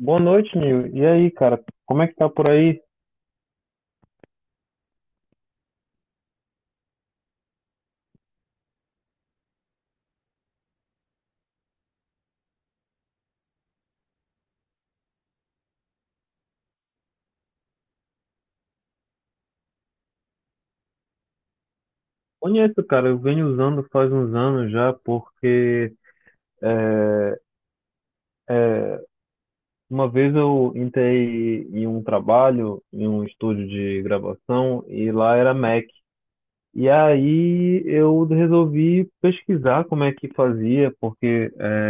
Boa noite, Nil. E aí, cara? Como é que tá por aí? Conheço, cara. Eu venho usando faz uns anos já, porque uma vez eu entrei em um trabalho, em um estúdio de gravação, e lá era Mac. E aí eu resolvi pesquisar como é que fazia,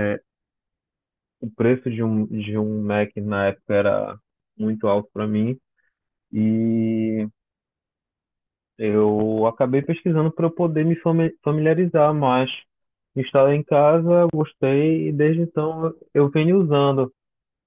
o preço de um Mac na época era muito alto para mim. E Eu acabei pesquisando para eu poder familiarizar, mas instalei em casa, gostei e desde então eu venho usando.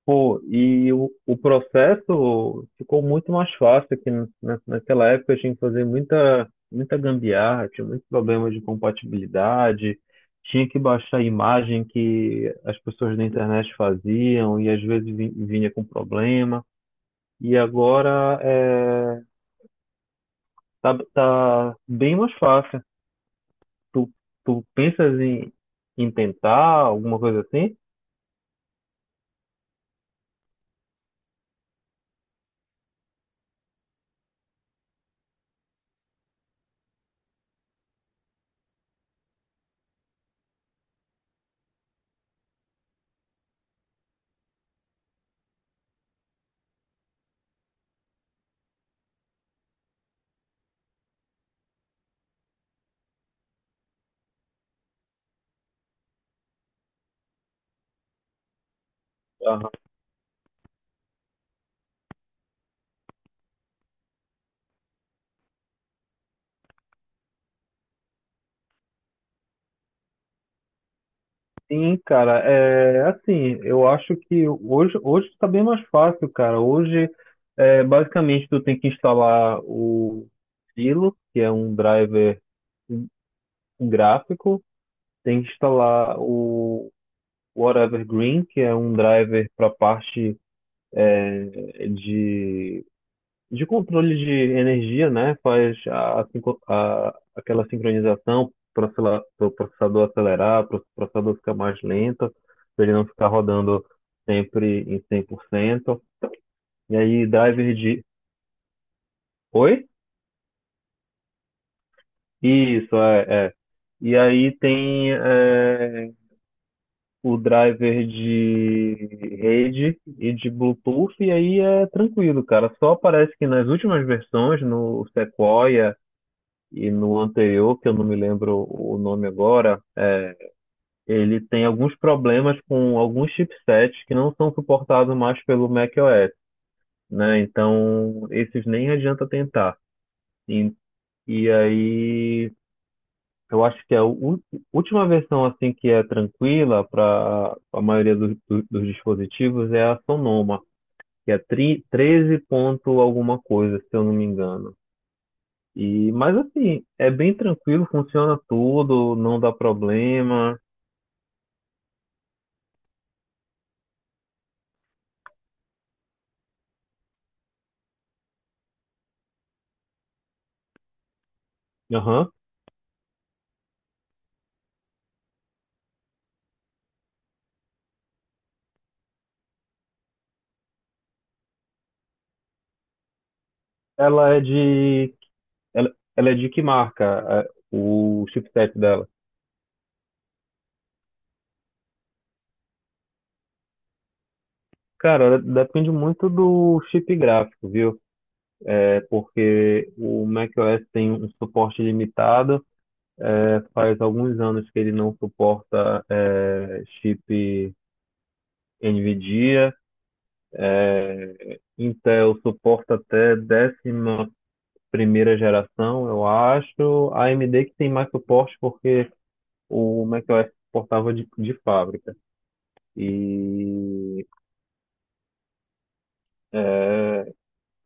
Pô, e o processo ficou muito mais fácil que naquela época eu tinha que fazer muita gambiarra, tinha muitos problemas de compatibilidade, tinha que baixar a imagem que as pessoas da internet faziam e às vezes vinha com problema. E agora é, tá bem mais fácil. Tu, tu pensas em tentar alguma coisa assim? Aham. Sim, cara, é assim, eu acho que hoje tá bem mais fácil, cara. Basicamente, tu tem que instalar o Silo, que é um driver gráfico, tem que instalar o Whatever Green, que é um driver para parte de controle de energia, né? Faz aquela sincronização para o processador acelerar, para o processador ficar mais lento, para ele não ficar rodando sempre em 100%. E aí, driver de. Oi? Isso, é, é. E aí tem o driver de rede e de Bluetooth, e aí é tranquilo, cara. Só parece que nas últimas versões, no Sequoia, e no anterior, que eu não me lembro o nome agora, ele tem alguns problemas com alguns chipsets que não são suportados mais pelo macOS, né? Então, esses nem adianta tentar. E, e aí, eu acho que a última versão assim que é tranquila para a maioria dos dispositivos é a Sonoma, que é 13 ponto alguma coisa, se eu não me engano. E, mas assim, é bem tranquilo, funciona tudo, não dá problema. Aham. Ela é de. Ela é de que marca é, o chipset dela? Cara, ela depende muito do chip gráfico, viu? É porque o macOS tem um suporte limitado. É, faz alguns anos que ele não suporta chip NVIDIA. Intel suporta até décima primeira geração, eu acho. A AMD que tem mais suporte porque o macOS suportava de fábrica. E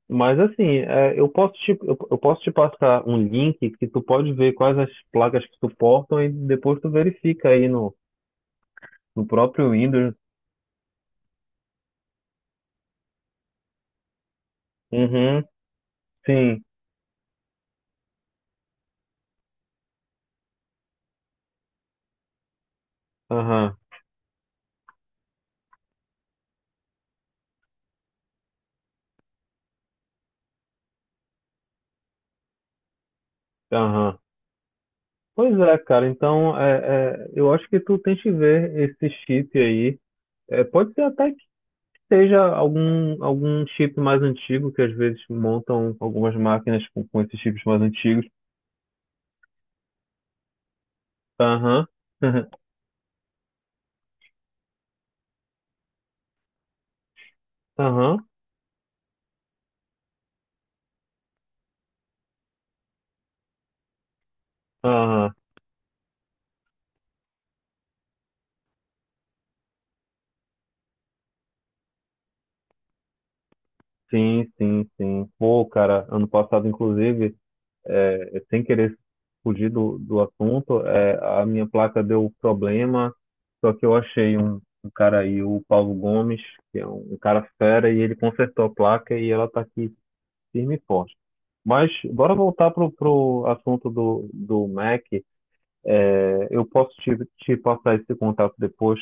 Mas assim, é, eu posso te passar um link que tu pode ver quais as placas que suportam e depois tu verifica aí no, no próprio Windows. Uhum, sim, aham, aham. Pois é, cara, então eu acho que tu tem que ver esse chip aí. É, pode ser até que seja algum chip mais antigo, que às vezes montam algumas máquinas com esses chips mais antigos. Aham, aham, aham. Sim, sim, sim. Pô, cara, ano passado, inclusive, sem querer fugir do assunto, é, a minha placa deu problema, só que eu achei um cara aí, o Paulo Gomes, que é um cara fera, e ele consertou a placa e ela tá aqui firme e forte. Mas bora voltar pro assunto do Mac. É, eu posso te passar esse contato depois,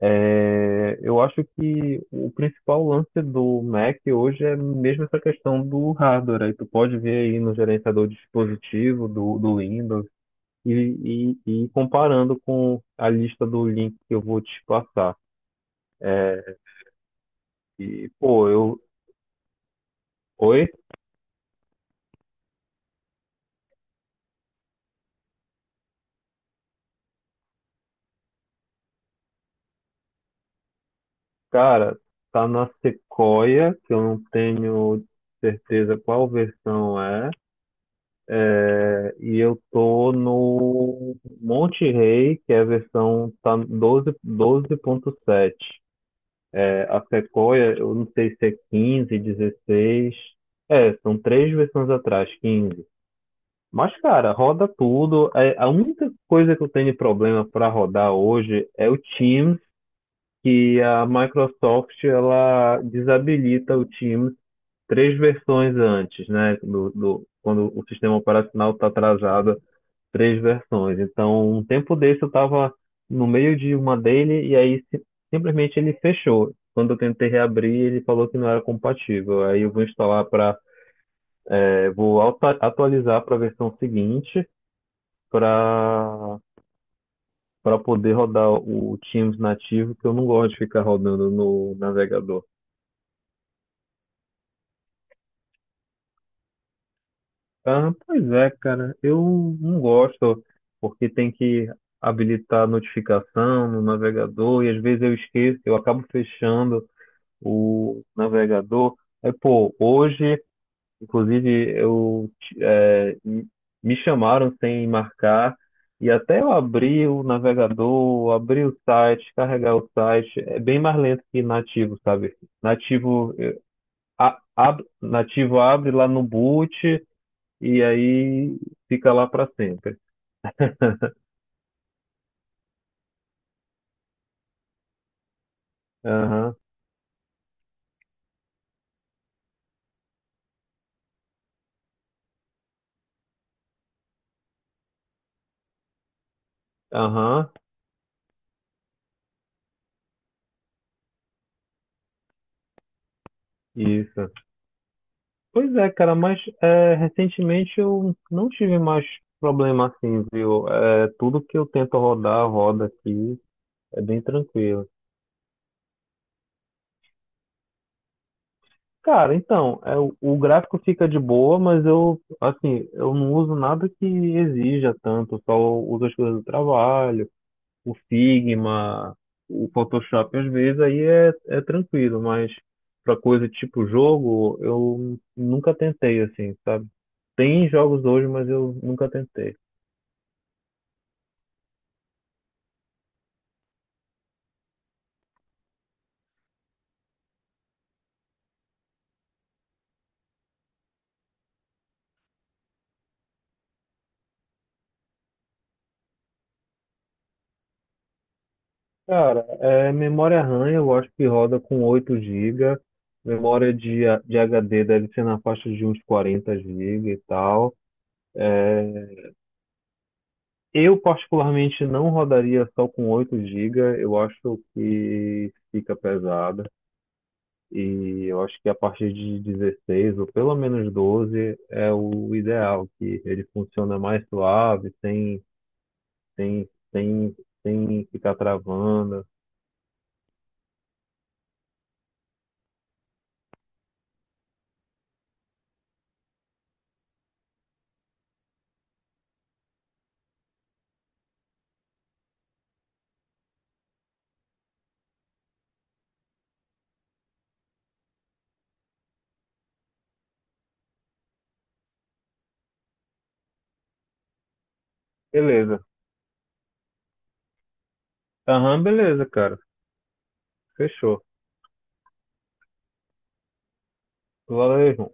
é, eu acho que o principal lance do Mac hoje é mesmo essa questão do hardware. Aí tu pode ver aí no gerenciador de dispositivo do Windows e comparando com a lista do link que eu vou te passar. E, pô, eu. Oi, cara, tá na Sequoia, que eu não tenho certeza qual versão é. E eu tô no Monte Rei, que é a versão tá 12, 12.7. É, a Sequoia, eu não sei se é 15, 16. É, são três versões atrás, 15. Mas, cara, roda tudo. É, a única coisa que eu tenho de problema para rodar hoje é o Teams, que a Microsoft ela desabilita o Teams três versões antes, né? Quando o sistema operacional está atrasado três versões. Então, um tempo desse eu estava no meio de uma dele e aí simplesmente ele fechou. Quando eu tentei reabrir, ele falou que não era compatível. Aí eu vou instalar para, vou atualizar para a versão seguinte para poder rodar o Teams nativo, que eu não gosto de ficar rodando no navegador. Ah, pois é, cara, eu não gosto, porque tem que habilitar a notificação no navegador e às vezes eu esqueço, eu acabo fechando o navegador. É, pô, hoje, inclusive, eu ti- é, m- me chamaram sem marcar, e até eu abrir o navegador, abrir o site, carregar o site, é bem mais lento que nativo, sabe? Nativo, eh, a- ab- nativo abre lá no boot e aí fica lá para sempre. Aham, aham, isso. Pois é, cara, mas é, recentemente eu não tive mais problema assim, viu? É, tudo que eu tento rodar, roda aqui, é bem tranquilo. Cara, então, é, o gráfico fica de boa, mas eu, assim, eu não uso nada que exija tanto, só uso as coisas do trabalho, o Figma, o Photoshop, às vezes aí é tranquilo, mas pra coisa tipo jogo, eu nunca tentei, assim, sabe? Tem jogos hoje, mas eu nunca tentei. Cara, é, memória RAM eu acho que roda com 8 gigas. Memória de, de HD deve ser na faixa de uns 40 gigas e tal. É, eu, particularmente, não rodaria só com 8 gigas. Eu acho que fica pesada. E eu acho que a partir de 16 ou pelo menos 12 é o ideal, que ele funciona mais suave, sem, sem, sem ficar travando. Beleza. Aham, beleza, cara. Fechou. Valeu, João.